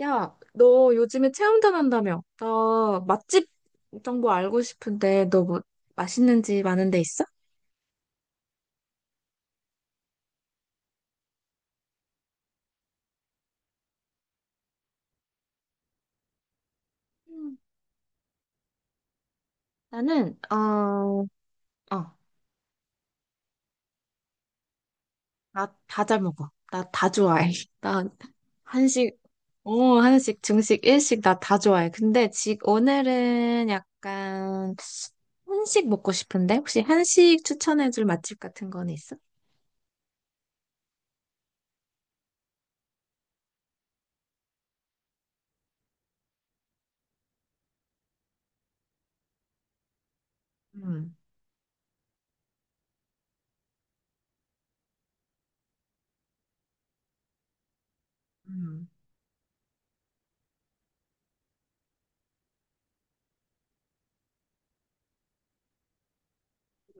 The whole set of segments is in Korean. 야, 너 요즘에 체험단 한다며? 나 맛집 정보 알고 싶은데 너 뭐 맛있는 집 아는 데 있어? 음. 나는 어, 나 다 잘 먹어. 나 다 좋아해. 나 한식, 한식, 중식, 일식 나 다 좋아해. 근데 지 오늘은 약간 한식 먹고 싶은데 혹시 한식 추천해줄 맛집 같은 건 있어? 음, 음,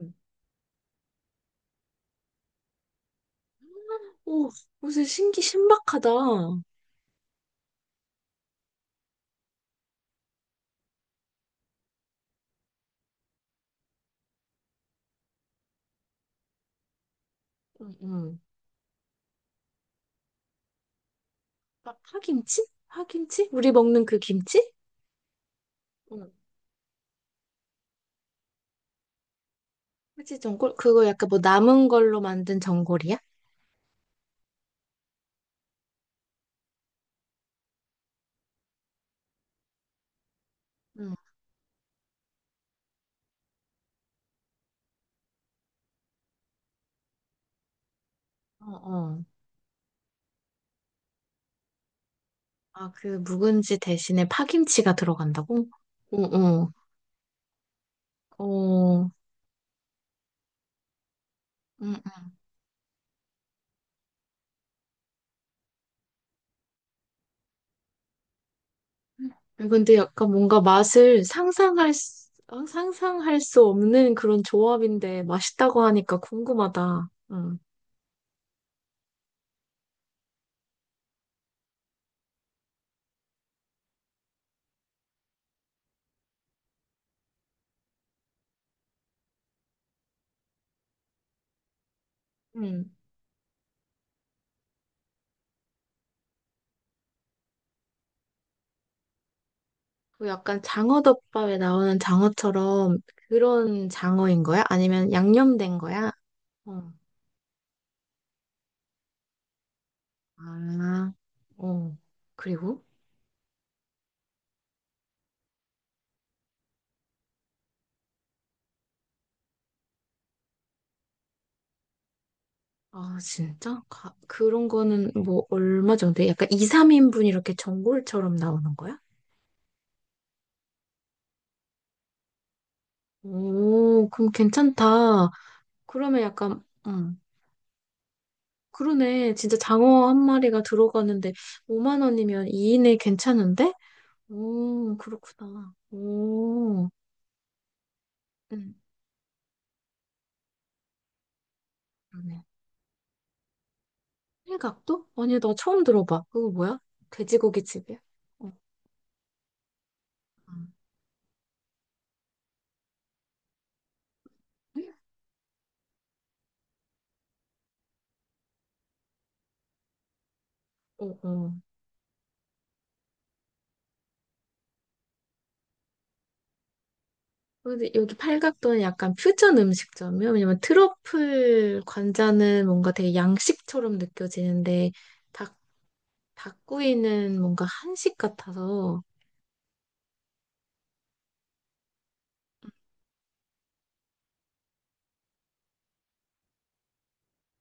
음. 오, 무슨 신기 신박하다. 응. 막 파김치? 파김치? 우리 먹는 그 김치? 응. 그치, 전골? 그거 약간 뭐 남은 걸로 만든 전골이야? 응. 어, 어. 아, 그 묵은지 대신에 파김치가 들어간다고? 어, 어. 어. 응, 응. 근데 약간 뭔가 맛을 상상할 수 없는 그런 조합인데 맛있다고 하니까 궁금하다. 응. 응. 그 약간 장어덮밥에 나오는 장어처럼 그런 장어인 거야? 아니면 양념된 거야? 어. 아, 어. 그리고 아, 진짜? 가- 그런 거는 뭐 얼마 정도? 약간 2, 3인분 이렇게 전골처럼 나오는 거야? 오, 그럼 괜찮다. 그러면 그러네. 진짜 장어 한 마리가 들어가는데 5만 원이면 2인에 괜찮은데? 오, 그렇구나. 오, 응, 그러네. 일각도? 아니, 나 처음 들어봐. 그거 뭐야? 돼지고기 집이야? 어, 응. 어, 어. 근데 여기 팔각도는 약간 퓨전 음식점이요. 왜냐면 트러플 관자는 뭔가 되게 양식처럼 느껴지는데 닭, 닭구이는 뭔가 한식 같아서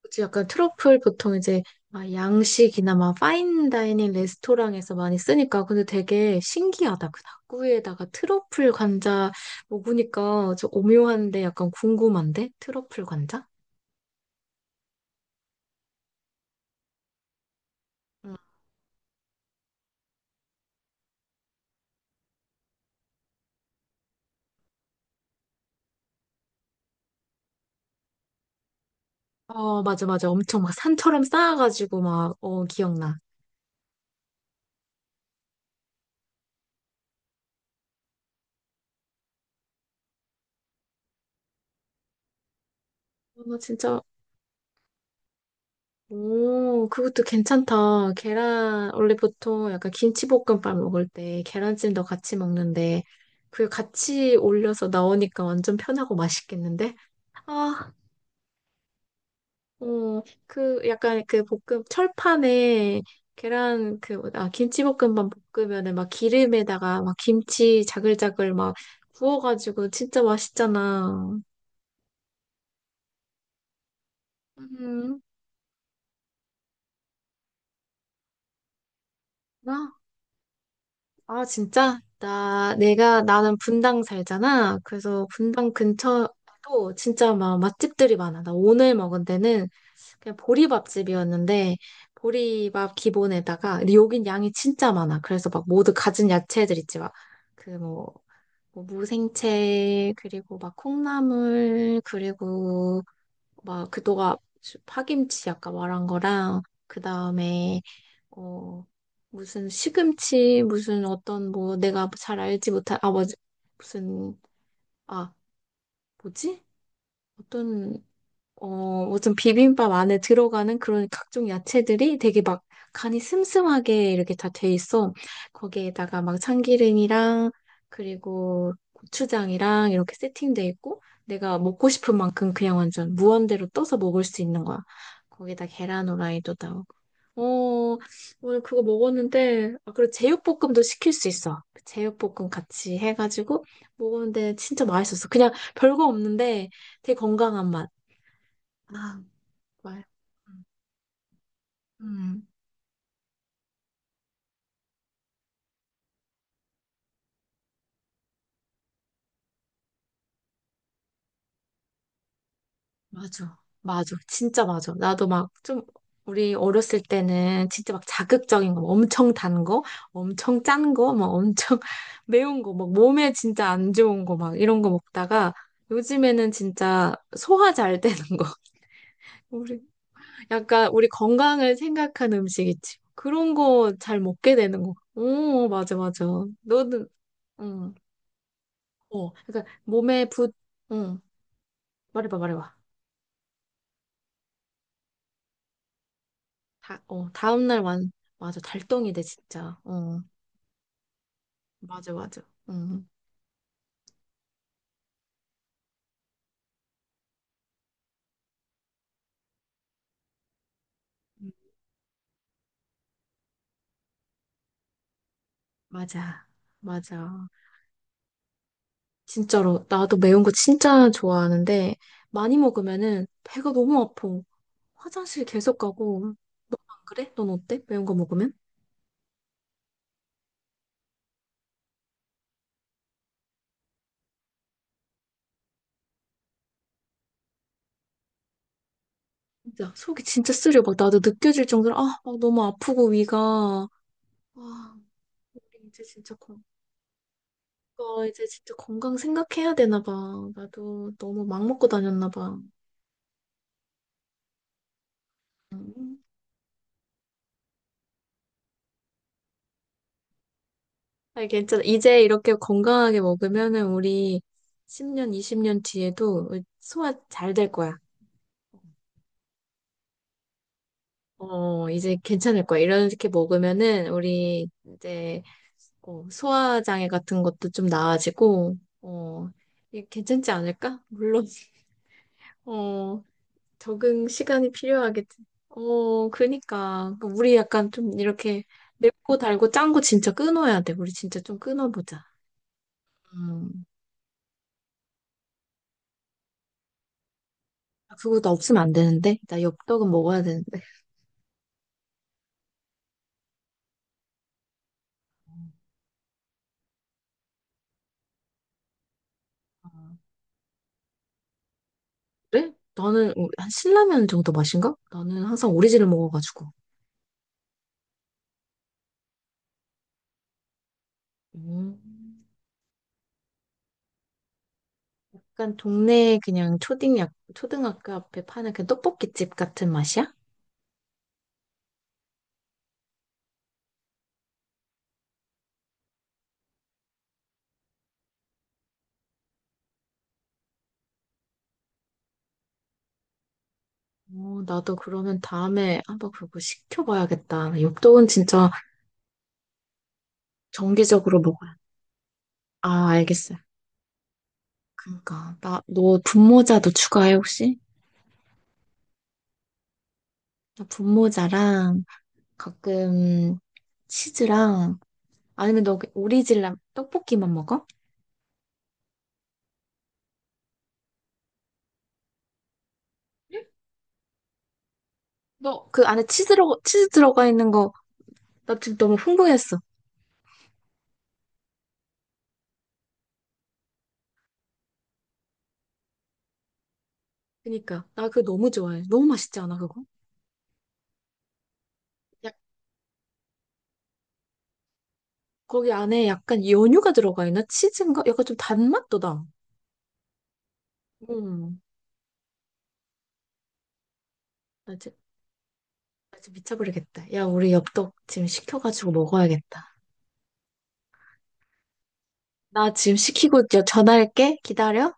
그치, 약간 트러플 보통 이제 막 양식이나 막 파인다이닝 레스토랑에서 많이 쓰니까 근데 되게 신기하다. 그 닭구이에다가 트러플 관자 먹으니까 좀 오묘한데 약간 궁금한데? 트러플 관자? 응. 어, 맞아, 맞아. 엄청 막 산처럼 쌓아가지고 막, 어, 기억나. 어, 진짜 오, 그것도 괜찮다. 계란, 원래 보통 약간 김치볶음밥 먹을 때 계란찜도 같이 먹는데, 그 같이 올려서 나오니까 완전 편하고 맛있겠는데? 아, 어, 그 약간 철판에 계란, 그, 뭐- 아, 김치볶음밥 볶으면은 막 기름에다가 막 김치 자글자글 막 구워가지고 진짜 맛있잖아. 음, 나? 나는 분당 살잖아. 그래서 분당 근처도 진짜 막 맛집들이 많아. 나 오늘 먹은 데는 그냥 보리밥집이었는데, 보리밥 기본에다가, 근데 여긴 양이 진짜 많아. 그래서 막 모두 가진 야채들 있지. 그 뭐, 무생채, 그리고 막 콩나물, 그리고 막 그동가 파김치 아까 말한 거랑, 그 다음에 어, 무슨 시금치, 무슨 어떤 뭐 내가 잘 알지 못한, 아, 뭐지? 무슨, 아, 뭐지? 어떤, 어, 무슨 비빔밥 안에 들어가는 그런 각종 야채들이 되게 막 간이 슴슴하게 이렇게 다 돼 있어. 거기에다가 막 참기름이랑 그리고 고추장이랑 이렇게 세팅돼 있고 내가 먹고 싶은 만큼 그냥 완전 무한대로 떠서 먹을 수 있는 거야. 거기다 계란 후라이도 나오고. 어, 오늘 그거 먹었는데, 아, 그리고 제육볶음도 시킬 수 있어. 그 제육볶음 같이 해가지고 먹었는데 진짜 맛있었어. 그냥 별거 없는데 되게 건강한 맛. 아, 말 음, 맞아. 맞아. 진짜 맞아. 나도 막 좀, 우리 어렸을 때는 진짜 막 자극적인 거, 막 엄청 단 거, 엄청 짠 거, 막 엄청 매운 거, 막 몸에 진짜 안 좋은 거, 막 이런 거 먹다가 요즘에는 진짜 소화 잘 되는 거. 우리 약간 우리 건강을 생각한 음식 있지. 그런 거 잘 먹게 되는 거. 오, 맞아, 맞아. 너는, 응. 어, 그러니까 몸에 붓, 응. 말해봐, 말해봐. 다, 어, 다음날 완, 맞아. 달덩이 돼, 진짜. 어, 맞아, 맞아. 응. 맞아, 맞아. 진짜로. 나도 매운 거 진짜 좋아하는데, 많이 먹으면은 배가 너무 아파. 화장실 계속 가고. 넌 안 그래? 넌 어때? 매운 거 먹으면? 진짜 속이 진짜 쓰려. 막 나도 느껴질 정도로 막 너무 아프고 위가 아, 우리 어, 이제 진짜 건강 생각해야 되나 봐. 나도 너무 막 먹고 다녔나 봐. 음. 아니, 괜찮아. 이제 이렇게 건강하게 먹으면은 우리 10년, 20년 뒤에도 소화 잘 될 거야. 어, 이제 괜찮을 거야. 이렇게 먹으면은 우리 이제 어, 소화장애 같은 것도 좀 나아지고, 어, 이게 괜찮지 않을까? 물론 어, 적응 시간이 필요하겠지. 어, 그니까. 그러니까 우리 약간 좀 이렇게 맵고 달고 짠 거 진짜 끊어야 돼. 우리 진짜 좀 끊어보자. 음. 그거 나 없으면 안 되는데? 나 엽떡은 먹어야 되는데. 어, 그래? 나는 어, 한 신라면 정도 맛인가? 나는 항상 오리지를 먹어가지고. 음. 약간 동네 그냥 초딩, 약, 초등학교 앞에 파는 그 떡볶이집 같은 맛이야? 어, 나도 그러면 다음에 한번 그거 시켜봐야겠다. 엽떡은 진짜 정기적으로 먹어요. 아, 알겠어요. 그러니까 나 너 분모자도 추가해 혹시? 나 분모자랑 가끔 치즈랑 아니면 너 오리지널 떡볶이만 먹어? 너 그 안에 치즈 들어가 있는 거 나 지금 너무 흥분했어. 그러니까 나 그거 너무 좋아해. 너무 맛있지 않아 그거? 약 거기 안에 약간 연유가 들어가 있나? 치즈인가? 약간 좀 단맛도 나. 음, 나 지금, 나 지금 미쳐버리겠다. 야, 우리 엽떡 지금 시켜가지고 먹어야겠다. 나 지금 시키고 전화할게. 기다려.